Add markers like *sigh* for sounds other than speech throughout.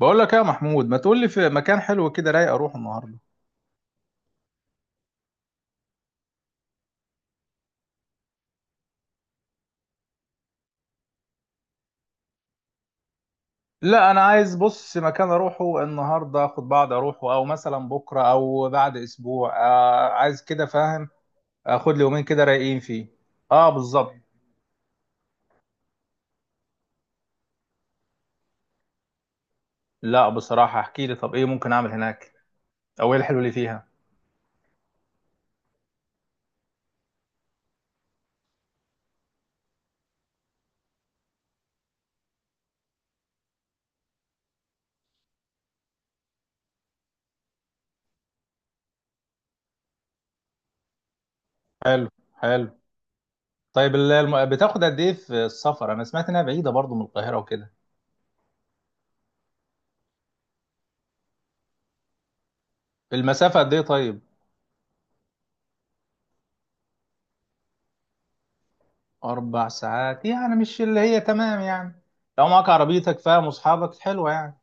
بقول لك يا محمود، ما تقول لي في مكان حلو كده رايق اروح النهارده. لا، انا عايز، بص، مكان اروحه النهارده اخد بعض، اروحه او مثلا بكره او بعد اسبوع. عايز كده، فاهم؟ اخد لي يومين كده رايقين فيه. اه، بالظبط. لا، بصراحه احكي لي، طب ايه ممكن اعمل هناك؟ او ايه الحلو اللي فيها؟ حلو. حلو. طيب، بتاخد قد ايه في السفر؟ انا سمعت انها بعيده برضو من القاهره وكده. المسافه قد ايه طيب؟ اربع ساعات؟ يعني مش اللي هي تمام يعني، لو معاك عربيتك، فاهم، واصحابك، حلوه يعني.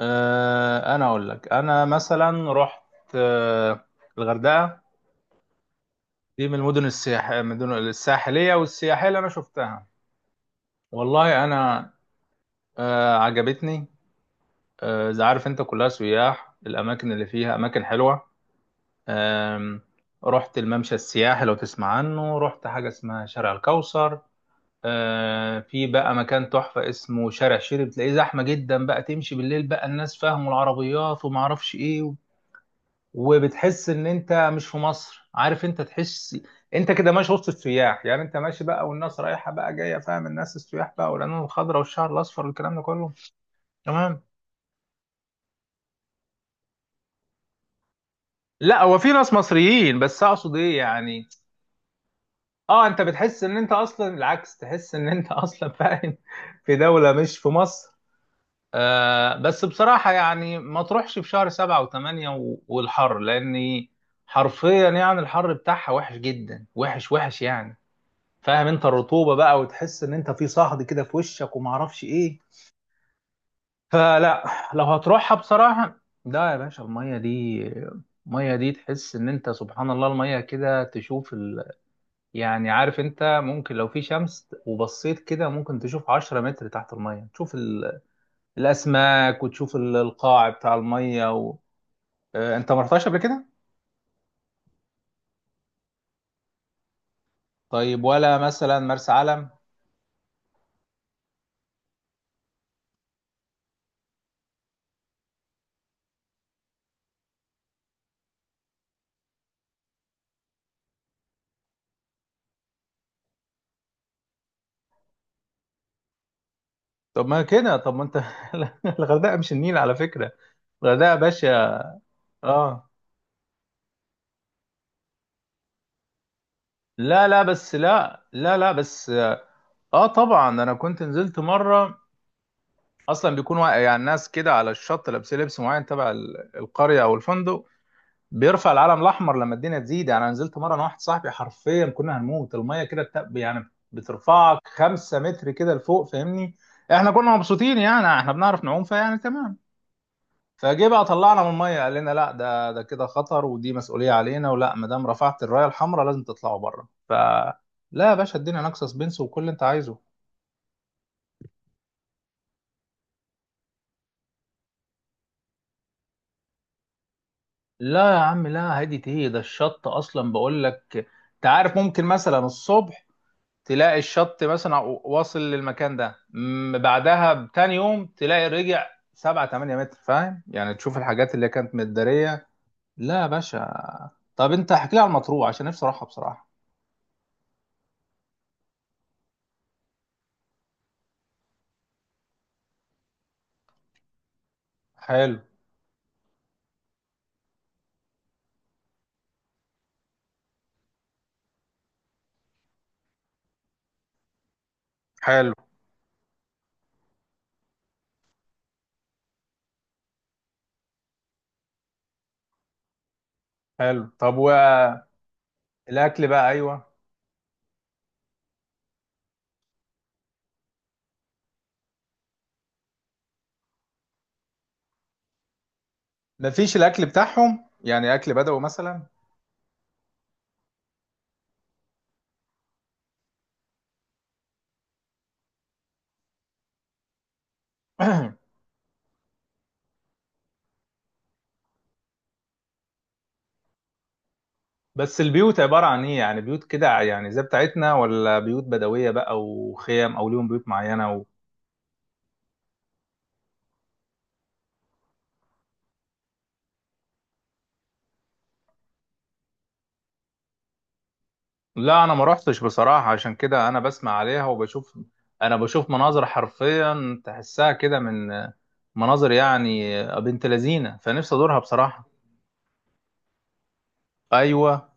انا اقول لك. انا مثلا رحت آه، الغردقه. دي من المدن السياح، من المدن الساحليه والسياحيه اللي انا شفتها. والله انا عجبتني. زي، عارف انت، كلها سياح، الاماكن اللي فيها اماكن حلوه. آم، رحت الممشى السياحي لو تسمع عنه، رحت حاجه اسمها شارع الكوثر. في بقى مكان تحفه اسمه شارع شيري، بتلاقيه زحمه جدا بقى، تمشي بالليل بقى، الناس فاهموا العربيات وما اعرفش ايه. وبتحس ان انت مش في مصر، عارف، انت تحس انت كده ماشي وسط السياح. يعني انت ماشي بقى والناس رايحه بقى جايه، فاهم، الناس السياح بقى، والعلوم الخضراء والشعر الاصفر والكلام ده كله. تمام. لا، هو في ناس مصريين، بس اقصد ايه يعني. اه، انت بتحس ان انت اصلا العكس، تحس ان انت *laughs* اصلا، فاهم، في دوله مش في مصر. آه، بس بصراحه يعني ما تروحش في شهر سبعة وثمانية والحر، لاني حرفيا يعني الحر بتاعها وحش جدا، وحش وحش يعني، فاهم، انت الرطوبه بقى، وتحس ان انت في صهد كده في وشك وما اعرفش ايه. فلا. لو هتروحها بصراحه، لا يا باشا، الميه دي، الميه دي تحس ان انت سبحان الله، الميه كده تشوف ال... يعني عارف، انت ممكن لو في شمس وبصيت كده ممكن تشوف 10 متر تحت الميه، تشوف ال... الاسماك، وتشوف القاع بتاع الميه، و... اه، انت ما رحتهاش قبل كده؟ طيب، ولا مثلا مرسى علم؟ طب ما كده، طب ما انت، *laughs* الغردقه مش النيل على فكره. الغردقه يا باشا. اه. لا، بس اه، طبعا انا كنت نزلت مره. اصلا بيكون واقع يعني، ناس كده على الشط لابسين لبس معين تبع القريه او الفندق. بيرفع العلم الاحمر لما الدنيا تزيد. يعني انا نزلت مره، انا واحد صاحبي، حرفيا كنا هنموت. الميه كده يعني بترفعك خمسة متر كده لفوق، فاهمني. احنا كنا مبسوطين يعني، احنا بنعرف نعوم، فيعني تمام. فجه بقى طلعنا من الميه، قال لنا لا، ده كده خطر، ودي مسؤوليه علينا، ولا ما دام رفعت الرايه الحمراء لازم تطلعوا بره. ف، لا يا باشا، الدنيا ناقصه سبنس، وكل اللي انت عايزه. لا يا عم، لا، هادي ايه؟ ده الشط اصلا بقول لك، انت عارف، ممكن مثلا الصبح تلاقي الشط مثلا واصل للمكان ده، بعدها بتاني يوم تلاقي رجع 7-8 متر، فاهم يعني، تشوف الحاجات اللي كانت متداريه. لا يا باشا. طب انت احكي لي على المطروح، عشان نفسي اروحها بصراحه. حلو. حلو. حلو. طب و، الاكل بقى، ايوه. مفيش الاكل بتاعهم يعني، اكل بدوي مثلا؟ *clears throat* بس البيوت عباره عن ايه يعني؟ بيوت كده يعني زي بتاعتنا، ولا بيوت بدويه بقى وخيام، او ليهم بيوت معينه و...؟ لا، انا ما رحتش بصراحه، عشان كده انا بسمع عليها وبشوف. انا بشوف مناظر حرفيا تحسها كده، من مناظر يعني، بنت لذينه، فنفسي ازورها بصراحه. ايوه.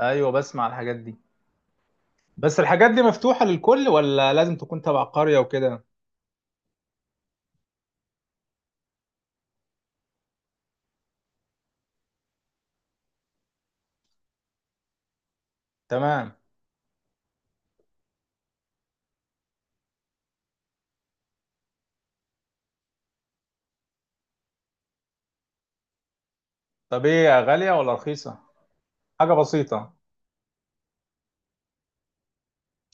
ايوه، بسمع الحاجات دي. بس الحاجات دي مفتوحه للكل، ولا لازم تكون تبع قريه وكده؟ تمام. طب ايه، غاليه ولا رخيصه؟ حاجة بسيطة.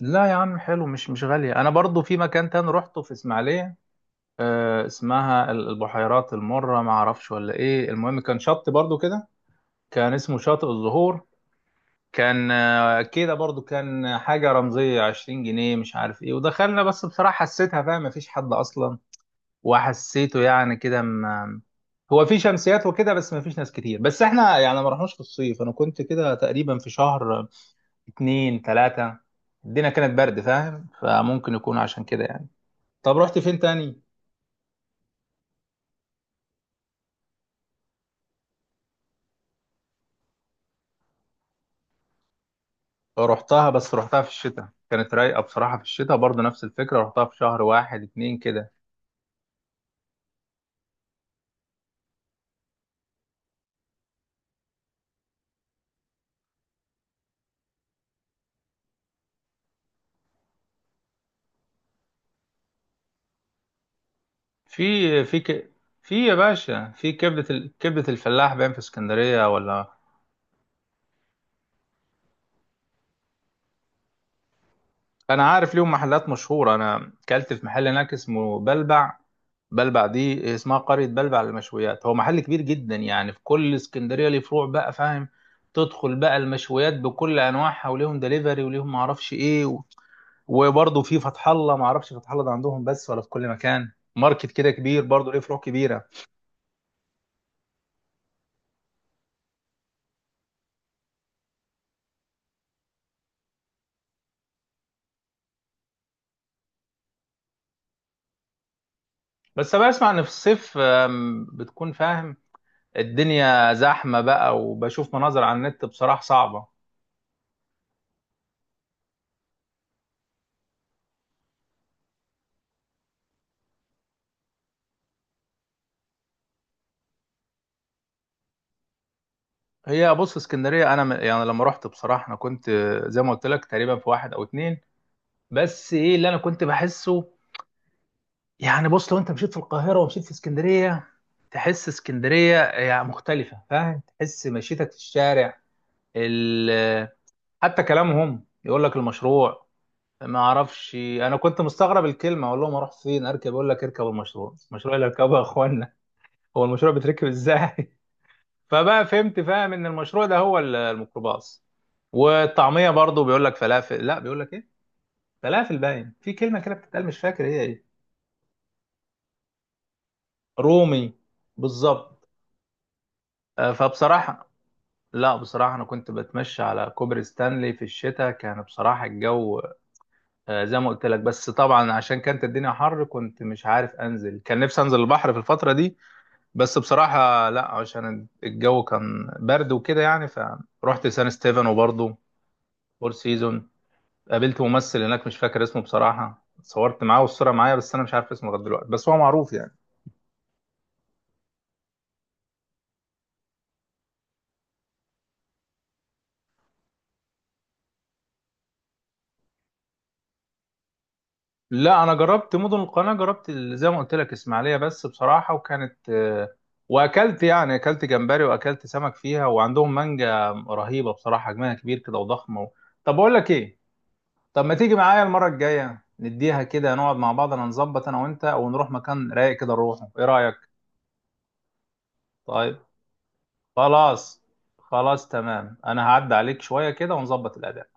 لا يا عم حلو، مش مش غالية. أنا برضو في مكان تاني روحته في إسماعيلية، آه، اسمها البحيرات المرة، ما أعرفش ولا إيه، المهم كان شط برضو كده، كان اسمه شاطئ الزهور. كان، كده برضو، كان حاجة رمزية 20 جنيه مش عارف إيه، ودخلنا بس بصراحة حسيتها، فاهم، مفيش حد أصلا. وحسيته يعني كده، م-، هو في شمسيات وكده، بس مفيش ناس كتير. بس إحنا يعني ما رحناش في الصيف، أنا كنت كده تقريبا في شهر اتنين تلاتة، الدنيا كانت برد، فاهم، فممكن يكون عشان كده يعني. طب رحت فين تاني؟ رحتها، بس رحتها في الشتاء كانت رايقة بصراحة. في الشتاء برضه نفس الفكرة، رحتها في شهر واحد اتنين كده. في في ك... في يا باشا في كبدة ال... كبدة الفلاح، باين في اسكندرية ولا؟ فانا عارف ليهم محلات مشهوره. انا اكلت في محل هناك اسمه بلبع. بلبع دي اسمها قريه بلبع للمشويات، هو محل كبير جدا يعني، في كل اسكندريه ليه فروع بقى، فاهم. تدخل بقى المشويات بكل انواعها، وليهم دليفري، وليهم ما اعرفش ايه و... وبرضه في فتح الله، ما اعرفش فتح الله ده عندهم بس، ولا في كل مكان. ماركت كده كبير برضه، ليه فروع كبيره. بس انا بسمع ان في الصيف بتكون، فاهم، الدنيا زحمه بقى، وبشوف مناظر على النت بصراحه صعبه. هي بص اسكندريه، انا، يعني لما رحت بصراحه، انا كنت زي ما قلت لك تقريبا في واحد او اتنين. بس ايه اللي انا كنت بحسه، يعني بص، لو انت مشيت في القاهره ومشيت في اسكندريه، تحس اسكندريه يعني مختلفه، فاهم، تحس مشيتك في الشارع، ال...، حتى كلامهم، يقول لك المشروع. ما اعرفش، انا كنت مستغرب الكلمه، اقول لهم اروح فين اركب، يقول لك اركب المشروع. المشروع اللي اركبه يا اخوانا، هو المشروع بيتركب ازاي؟ فبقى فهمت، فاهم، ان المشروع ده هو الميكروباص. والطعميه برضو بيقول لك فلافل، لا بيقول لك ايه، فلافل، باين. في كلمه كده بتتقال مش فاكر هي ايه. رومي، بالظبط. فبصراحه، لا بصراحه انا كنت بتمشى على كوبري ستانلي في الشتاء، كان بصراحه الجو، زي ما قلت لك، بس طبعا عشان كانت الدنيا حر كنت مش عارف انزل، كان نفسي انزل البحر في الفتره دي بس بصراحه لا، عشان الجو كان برد وكده يعني. فروحت سان ستيفن، وبرضه فور سيزون. قابلت ممثل هناك مش فاكر اسمه بصراحة، صورت معاه والصورة معايا بس أنا مش عارف اسمه لغاية دلوقتي، بس هو معروف يعني. لا، أنا جربت مدن القناة. جربت زي ما قلت لك إسماعيلية، بس بصراحة، وكانت وأكلت، يعني أكلت جمبري وأكلت سمك فيها، وعندهم مانجا رهيبة بصراحة، حجمها كبير كده وضخمة و... طب بقول لك إيه، طب ما تيجي معايا المرة الجاية، نديها كده، نقعد مع بعضنا، نظبط أنا وأنت، ونروح مكان رايق كده نروحه، إيه رأيك؟ طيب. خلاص. خلاص تمام، أنا هعدي عليك شوية كده ونظبط الأداء.